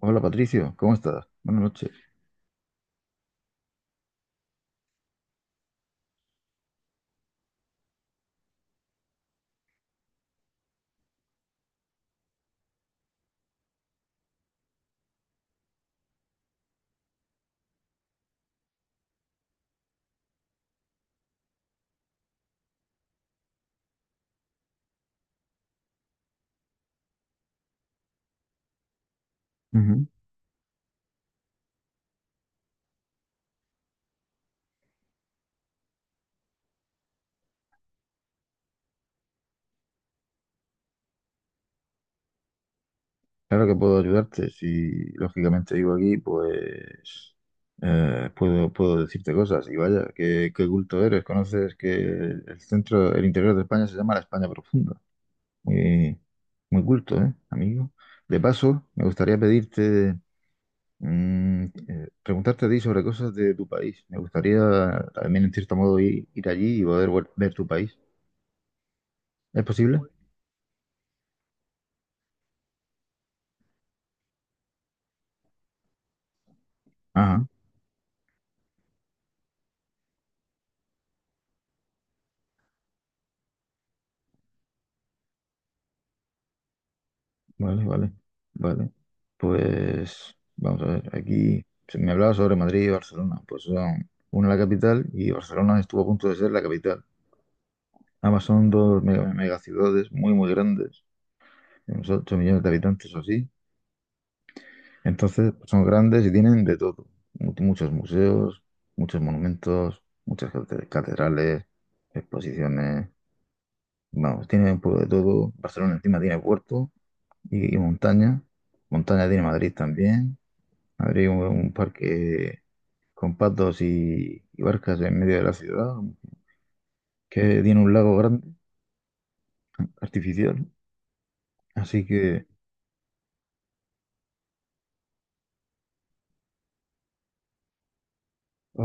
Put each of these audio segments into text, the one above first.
Hola Patricio, ¿cómo estás? Buenas noches. Ujú. Claro que puedo ayudarte. Si lógicamente vivo aquí, pues puedo decirte cosas. Y vaya, qué culto eres. Conoces que el centro, el interior de España se llama la España profunda. Muy, muy culto, ¿eh, amigo? De paso, me gustaría pedirte, preguntarte a ti sobre cosas de tu país. Me gustaría también, en cierto modo, ir allí y poder ver tu país. ¿Es posible? Ajá. Vale, vale, vale. Pues vamos a ver, aquí se me hablaba sobre Madrid y Barcelona. Pues son una la capital y Barcelona estuvo a punto de ser la capital. Ambas son dos megaciudades muy, muy grandes, unos 8 millones de habitantes o así. Entonces, pues, son grandes y tienen de todo. Muchos museos, muchos monumentos, muchas catedrales, exposiciones. Vamos, tiene un poco de todo. Barcelona encima tiene puerto y montaña. Montaña tiene Madrid también. Habría un parque con patos y barcas en medio de la ciudad, que tiene un lago grande, artificial. Así que,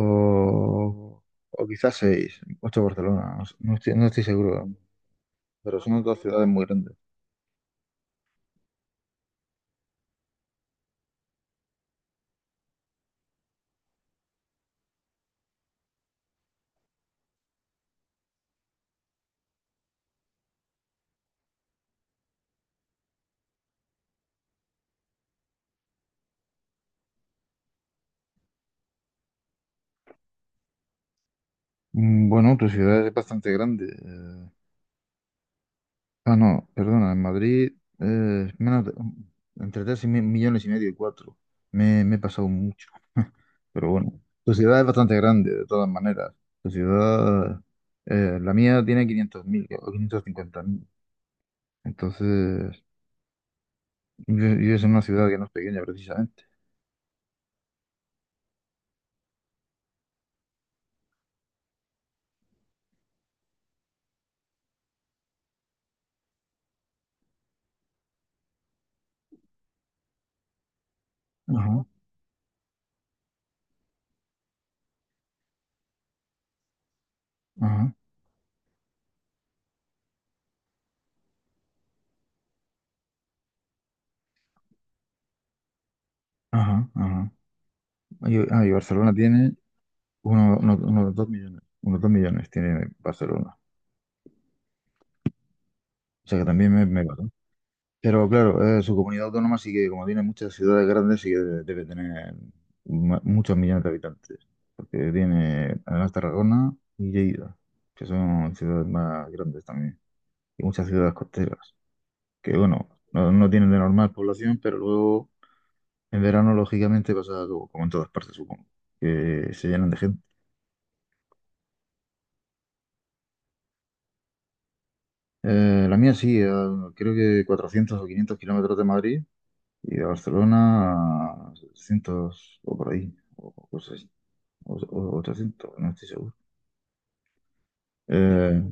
o, o quizás seis, ocho Barcelona, no sé, no estoy seguro, pero son dos ciudades muy grandes. Bueno, tu ciudad es bastante grande. Ah, no, perdona, en Madrid, eh, menos de- entre 3 y millones y medio y cuatro. Me he pasado mucho. Pero bueno, tu ciudad es bastante grande, de todas maneras. Tu ciudad, la mía tiene 500.000 o 550.000. Entonces, yo vives en una ciudad que no es pequeña precisamente. Ajá, ajá, ajá, ajá. Y Barcelona tiene unos 2 millones. Unos 2 millones tiene Barcelona. O sea que también me va. Pero claro, su comunidad autónoma sí que, como tiene muchas ciudades grandes, sí que debe tener muchos millones de habitantes. Porque tiene además Tarragona y Lleida, que son ciudades más grandes también. Y muchas ciudades costeras, que bueno, no tienen de normal población, pero luego en verano, lógicamente, pasa como en todas partes, supongo, que se llenan de gente. La mía sí, creo que 400 o 500 kilómetros de Madrid y de Barcelona a 600 o por ahí, o cosas así. O 300, no estoy seguro. Eh,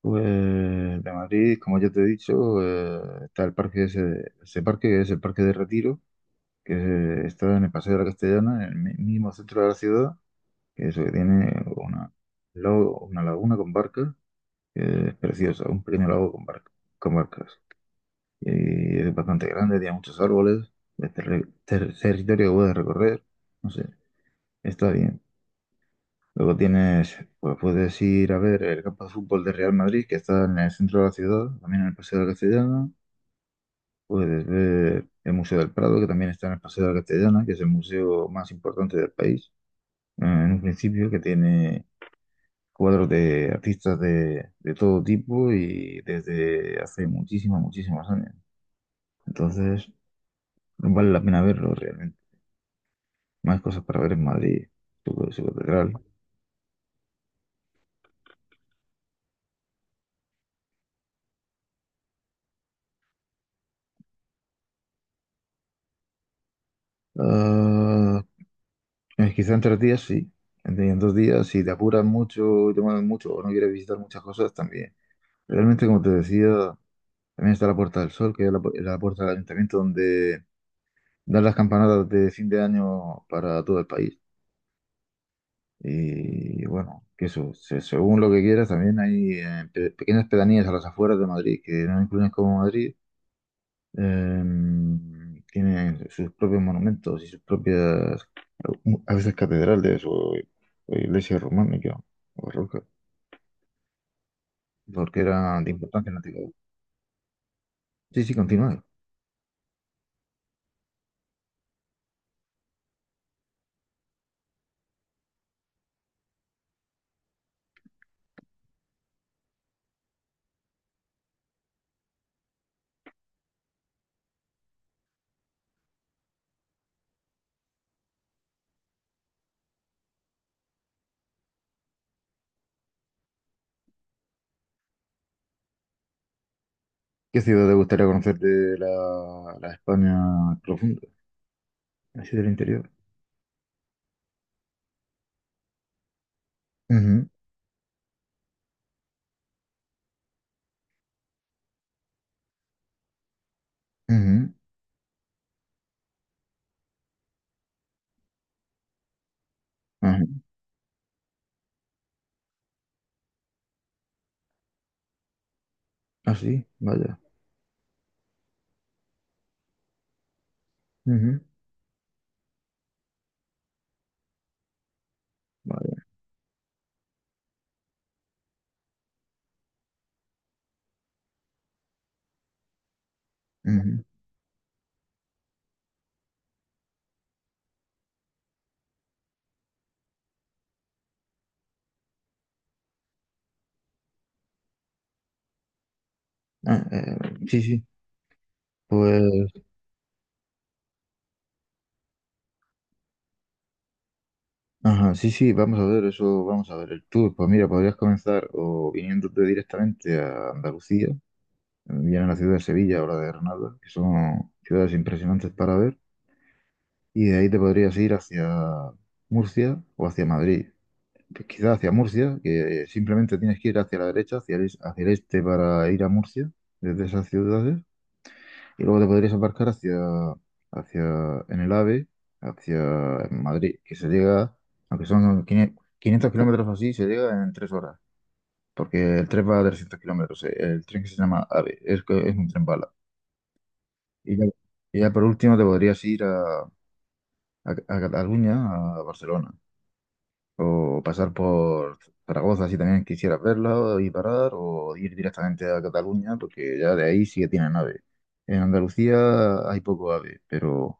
pues de Madrid, como ya te he dicho, está el parque ese, ese parque que es el Parque de Retiro, que está en el Paseo de la Castellana, en el mismo centro de la ciudad, que eso que tiene una laguna con barcas, que es preciosa, un pequeño lago con barcas. Y es bastante grande, tiene muchos árboles, es territorio que puedes recorrer, no sé, está bien. Luego tienes, pues puedes ir a ver el campo de fútbol de Real Madrid, que está en el centro de la ciudad, también en el Paseo de la Castellana. Puedes ver el Museo del Prado, que también está en el Paseo de la Castellana, que es el museo más importante del país, en un principio, que tiene cuadros de artistas de todo tipo y desde hace muchísimos, muchísimos años. Entonces, vale la pena verlo realmente. Más cosas para ver en Madrid, su catedral. Ah, quizá en 3 días sí, en 2 días, si te apuras mucho, te mueves mucho o no quieres visitar muchas cosas también. Realmente, como te decía, también está la Puerta del Sol, que es la puerta del ayuntamiento donde dan las campanadas de fin de año para todo el país. Y bueno, que eso, según lo que quieras, también hay pequeñas pedanías a las afueras de Madrid, que no incluyen como Madrid. Tienen sus propios monumentos y sus propias, a veces catedrales o, iglesia románicas o rocas, porque eran de importancia en la antigüedad. Sí, sí, continúa. ¿Qué ciudad te gustaría conocer de la España profunda, así del interior? Ujú, ujú, ajá. Ah, sí, vaya. Ujú, vaya. Ujú. Ah, sí, sí. Pues ajá, sí, sí, vamos a ver eso, vamos a ver el tour. Pues mira, podrías comenzar o viniéndote directamente a Andalucía, bien a la ciudad de Sevilla o la de Granada, que son ciudades impresionantes para ver, y de ahí te podrías ir hacia Murcia o hacia Madrid. Pues quizá hacia Murcia, que simplemente tienes que ir hacia la derecha, hacia el este para ir a Murcia, desde esas ciudades. Y luego te podrías embarcar en el AVE, hacia Madrid, que se llega, aunque son 500 500 kilómetros o así, se llega en 3 horas, porque el tren va a 300 kilómetros, el tren que se llama AVE, que es un tren bala. Y ya, por último te podrías ir a Cataluña, a Barcelona, o pasar por Zaragoza si también quisieras verla y parar, o ir directamente a Cataluña, porque ya de ahí sí que tienen AVE. En Andalucía hay poco AVE, pero...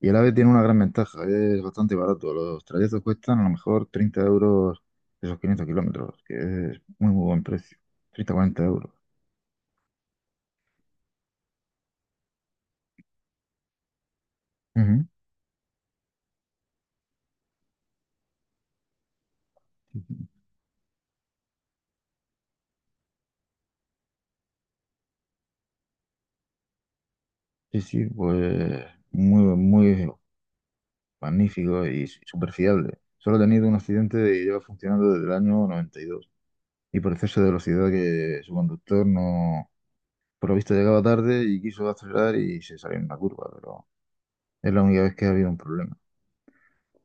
Y el AVE tiene una gran ventaja, es bastante barato. Los trayectos cuestan a lo mejor 30 € esos 500 kilómetros, que es muy, muy buen precio. 30-40 euros. Ujú. Sí, sí, pues muy, muy magnífico y súper fiable. Solo ha tenido un accidente y lleva funcionando desde el año 92. Y dos. Y por exceso de velocidad que su conductor no, por lo visto llegaba tarde y quiso acelerar y se salió en una curva, pero es la única vez que ha habido un problema.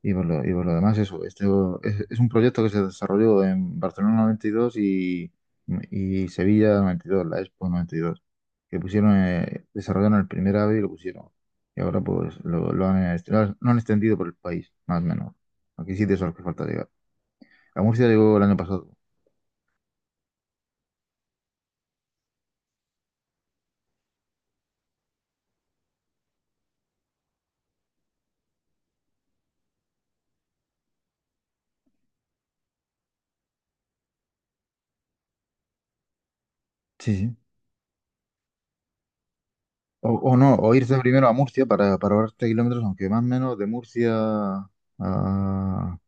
Y por lo demás, eso, este es un proyecto que se desarrolló en Barcelona noventa y dos y Sevilla 92, la Expo 92, que pusieron, desarrollaron el primer AVE y lo pusieron. Y ahora pues lo han, est- lo han extendido por el país, más o menos. Aquí sí son los que falta llegar. A Murcia llegó el año pasado. Sí, sí. O no, o irse primero a Murcia para ahorrarte kilómetros, aunque más o menos de Murcia a,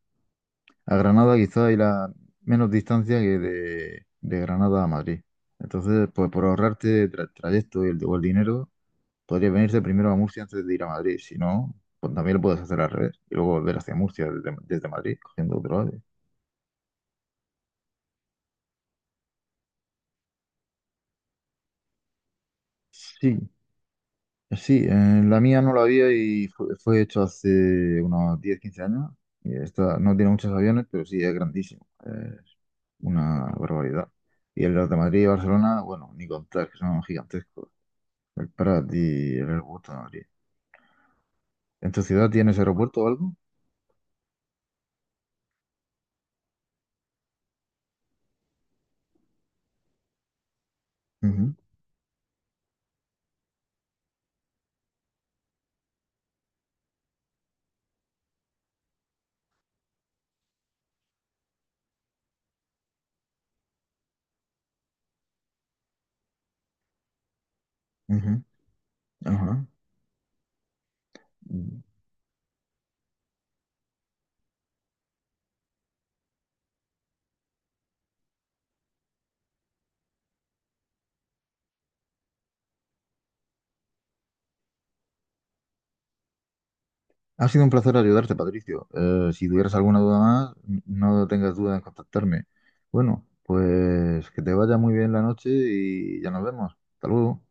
a Granada quizá hay la menos distancia que de Granada a Madrid. Entonces, pues por ahorrarte el trayecto y o el dinero, podrías venirte primero a Murcia antes de ir a Madrid. Si no, pues también lo puedes hacer al revés y luego volver hacia Murcia desde Madrid, cogiendo otro AVE. Sí, sí, la mía no la había y fue hecho hace unos 10 15 años. Y esta no tiene muchos aviones, pero sí es grandísimo. Es una barbaridad. Y en los de Madrid y Barcelona, bueno, ni contar, que son gigantescos. Para ti, el aeropuerto de Madrid. ¿En tu ciudad tienes aeropuerto o algo? Ujú, ujú, ajá. Mm. Ha sido un placer ayudarte, Patricio. Si tuvieras alguna duda más, no tengas duda en contactarme. Bueno, pues que te vaya muy bien la noche y ya nos vemos. Hasta luego.